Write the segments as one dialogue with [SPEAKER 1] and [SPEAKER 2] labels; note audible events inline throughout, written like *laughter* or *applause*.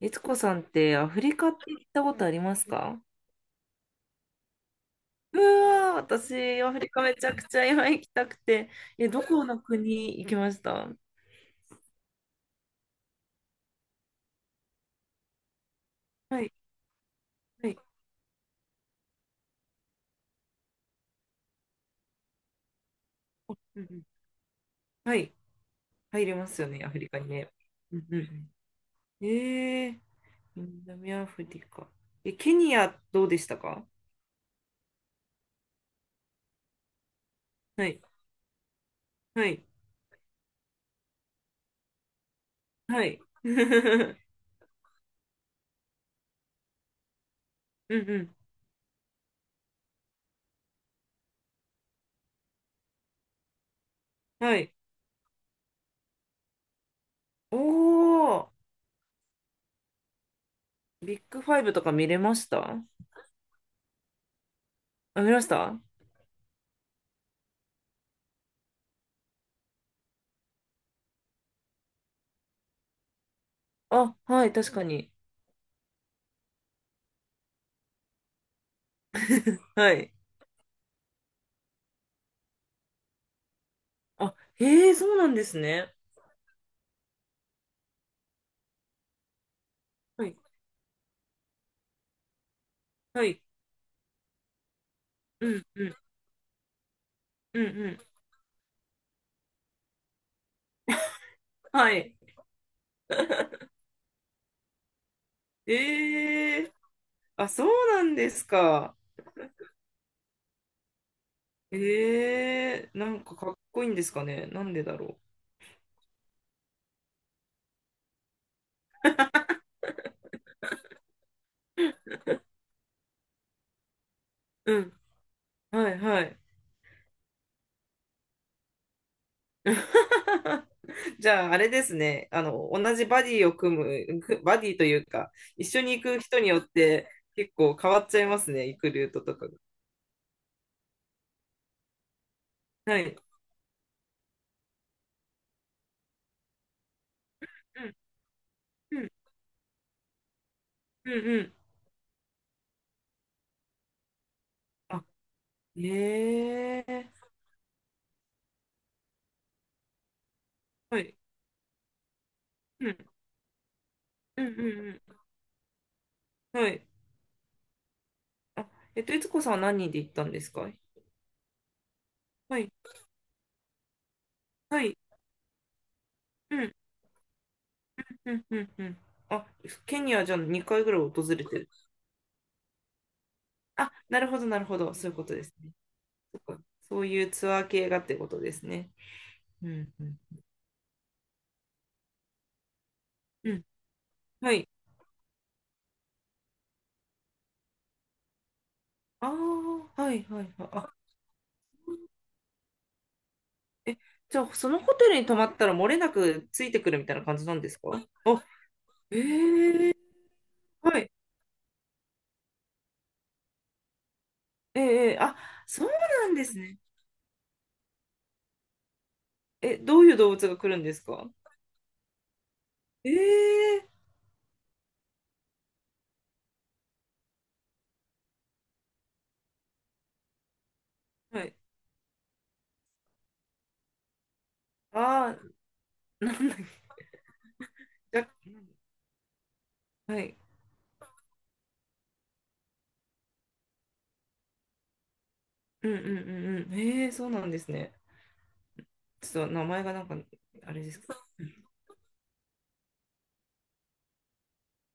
[SPEAKER 1] えつこさんってアフリカって行ったことありますか？うわー、私、アフリカめちゃくちゃ今行きたくて。え、どこの国行きました？はい、はい、うんうん。はい、入れますよね、アフリカにね。うんうん。うん南アフリカ。え、ケニアどうでしたか？はい、はい、はい。*laughs* うんうん、はい。おー、ビッグファイブとか見れました？あ、見ました？あ、はい、確かに。はい。あ、へえ、そうなんですね。はい。はい。うん、うん、うん、うん。はい。*laughs* ええ、あ、そうなんですか。ええ、なんかかっこいいんですかね。なんでだろう。うん。はい、はい。*laughs* じゃあ、あれですね。同じバディを組む、くバディというか、一緒に行く人によって結構変わっちゃいますね。行くルートとかが。はい。うん、うん、うん、うん。あ、ええ、はい。うん、うん、うん、うん。はい。あ、いつ子さんは何人で行ったんですか？はい。はい。うん、うん、うん、うん。あ、ケニアじゃあ2回ぐらい訪れてる？あ、なるほど、なるほど。そういうことですね。そっか。そういうツアー系がってことですね。うん、うん。うん。はい。ああ、はい、はい、はい。あ、え、じゃあ、そのホテルに泊まったら漏れなくついてくるみたいな感じなんですか？あ、ええ。はい。ええ。あ、そうなんですね。え、どういう動物が来るんですか？ええ。はい。ああ、なん、じゃ、はい。うんうんうんうん。へえ、そうなんですね。ちょっと名前がなんか、あれですけど。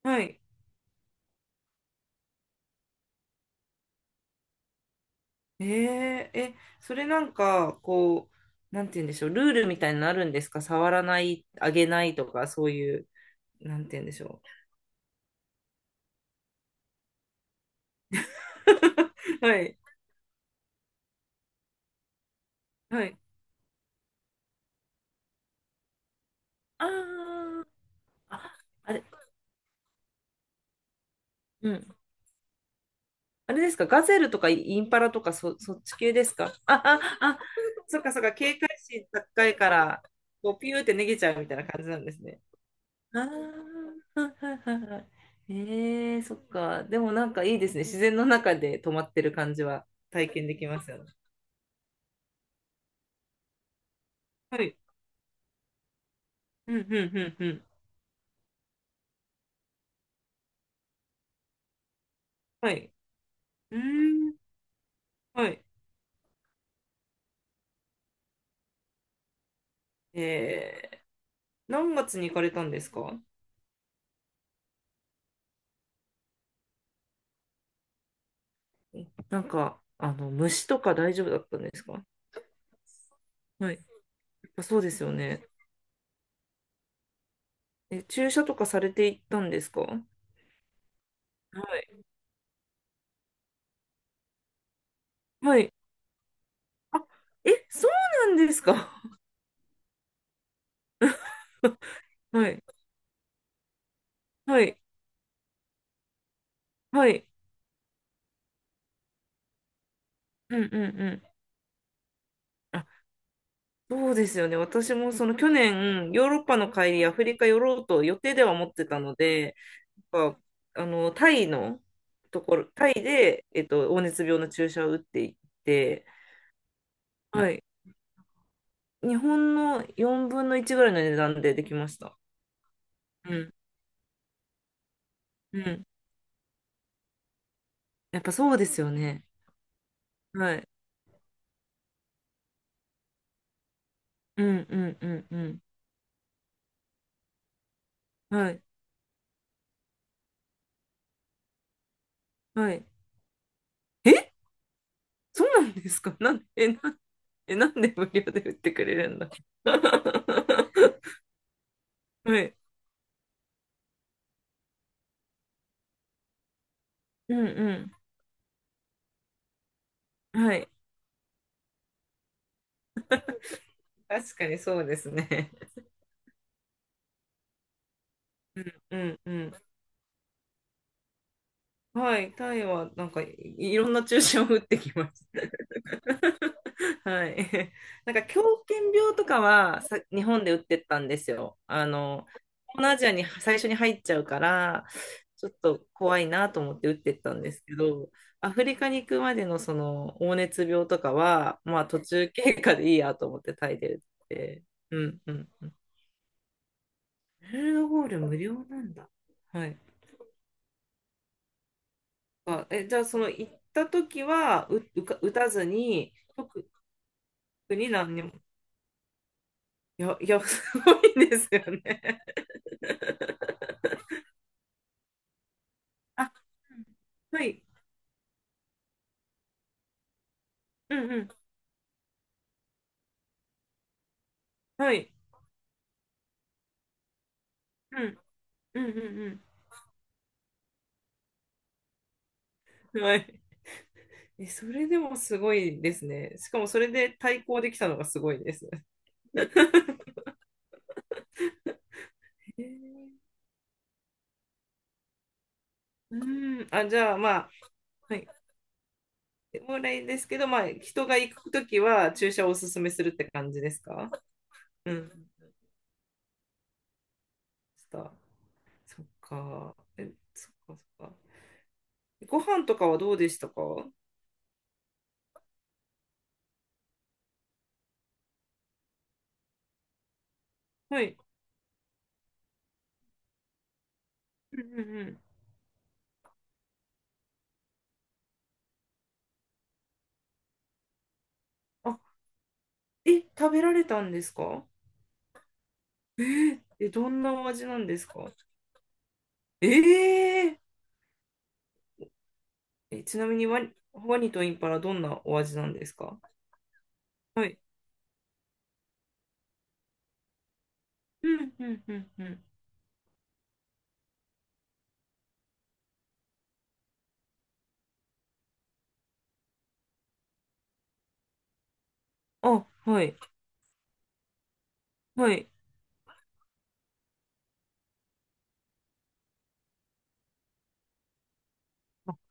[SPEAKER 1] はい。へえ、え、それなんか、こう、なんて言うんでしょう。ルールみたいになるんですか？触らない、あげないとか、そういう、なんて言うんでしょう。*laughs* はい。はい。あー、あ、あれ、うん。あれですか？ガゼルとかインパラとか、そ、そっち系ですか？あ、あ、あ、そっかそっか。警戒心高いから、こう、ピューって逃げちゃうみたいな感じなんですね。ああ、はいはいはいはい。ええ。そっか。でもなんかいいですね。自然の中で泊まってる感じは体験できますよね。はい。うんうんうんうん。はい。うーん。はい。ええ。何月に行かれたんですか？なんか、虫とか大丈夫だったんですか？はい。やっぱそうですよね。え、注射とかされていったんですか？はい。はい。あ、え、そうなんですか？はい。はい。はい。うんうんうん。そうですよね。私もその去年、ヨーロッパの帰り、アフリカ寄ろうと予定では思ってたので、やっぱタイのところ、タイで、黄熱病の注射を打っていって、はい。日本の4分の1ぐらいの値段でできました。うん。うん。やっぱそうですよね。はい。うんうんうんうん。はい。はい。え、そうなんですか？ *laughs* なん、え、な、え、なんで無料で売ってくれるんだ？ *laughs* はい。うんうん。はい。確かにそうですね。うんうん。はい、タイはなんか、いろんな注射を打ってきました。*laughs* はい。なんか狂犬病とかはさ、日本で打ってったんですよ。東南アジアに最初に入っちゃうから、ちょっと怖いなと思って打ってったんですけど、アフリカに行くまでのその黄熱病とかは、まあ途中経過でいいやと思ってタイで打って。うんうん。メルドゴール無料なんだ。はい。あ、え、じゃあその行った時はう、うか、打たずに、特に何にも。いや、いや、すごいですよね。*laughs* あ、はい。うんうん。はい。うん。うんうんうん。はい。え、それでもすごいですね。しかもそれで対抗できたのがすごいです。へえ。うん。あ、じゃあまあ、はい。もらいですけど、まあ、人が行くときは注射をおすすめするって感じですか？うん。ちょっと、そっか。え、そっかそっか。ご飯とかはどうでしたか？はい。うんうんうん。あ、え、食べられたんですか？え、どんなお味なんですか？えーえ、ちなみにワニとインパラどんなお味なんですか？はい。うんうんうんうん。あ、はい。はい。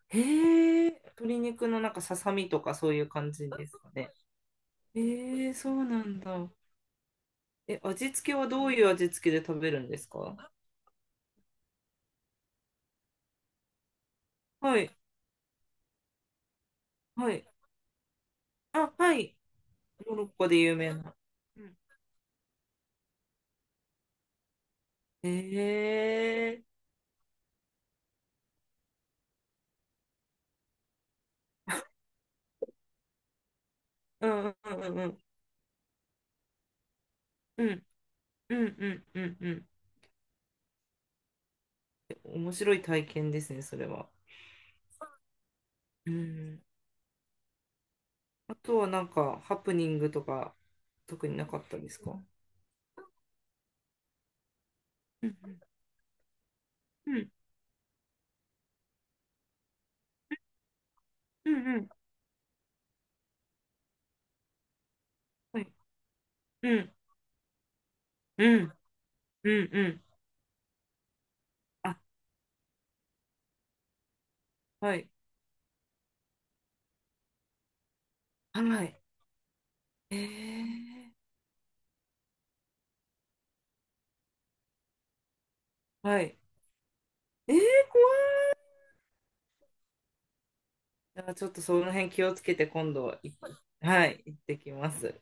[SPEAKER 1] へえ、鶏肉のなんかささみとかそういう感じですかね。ええ、そうなんだ。え、味付けはどういう味付けで食べるんですか？はい。はい。あ、はい。モロッコで有名な。ええ。うん、うん、うん、うん、うん、うん、うん、うん、うん。面白い体験ですねそれは。うん。あとはなんかハプニングとか特になかったんですか？うん、うん、うん、うん。はい。うん、うん、うん、うん。あ、はい、はい。えー。はい。えー、怖い。あ、ちょっとその辺気をつけて今度いっぱい、はい、行ってきます。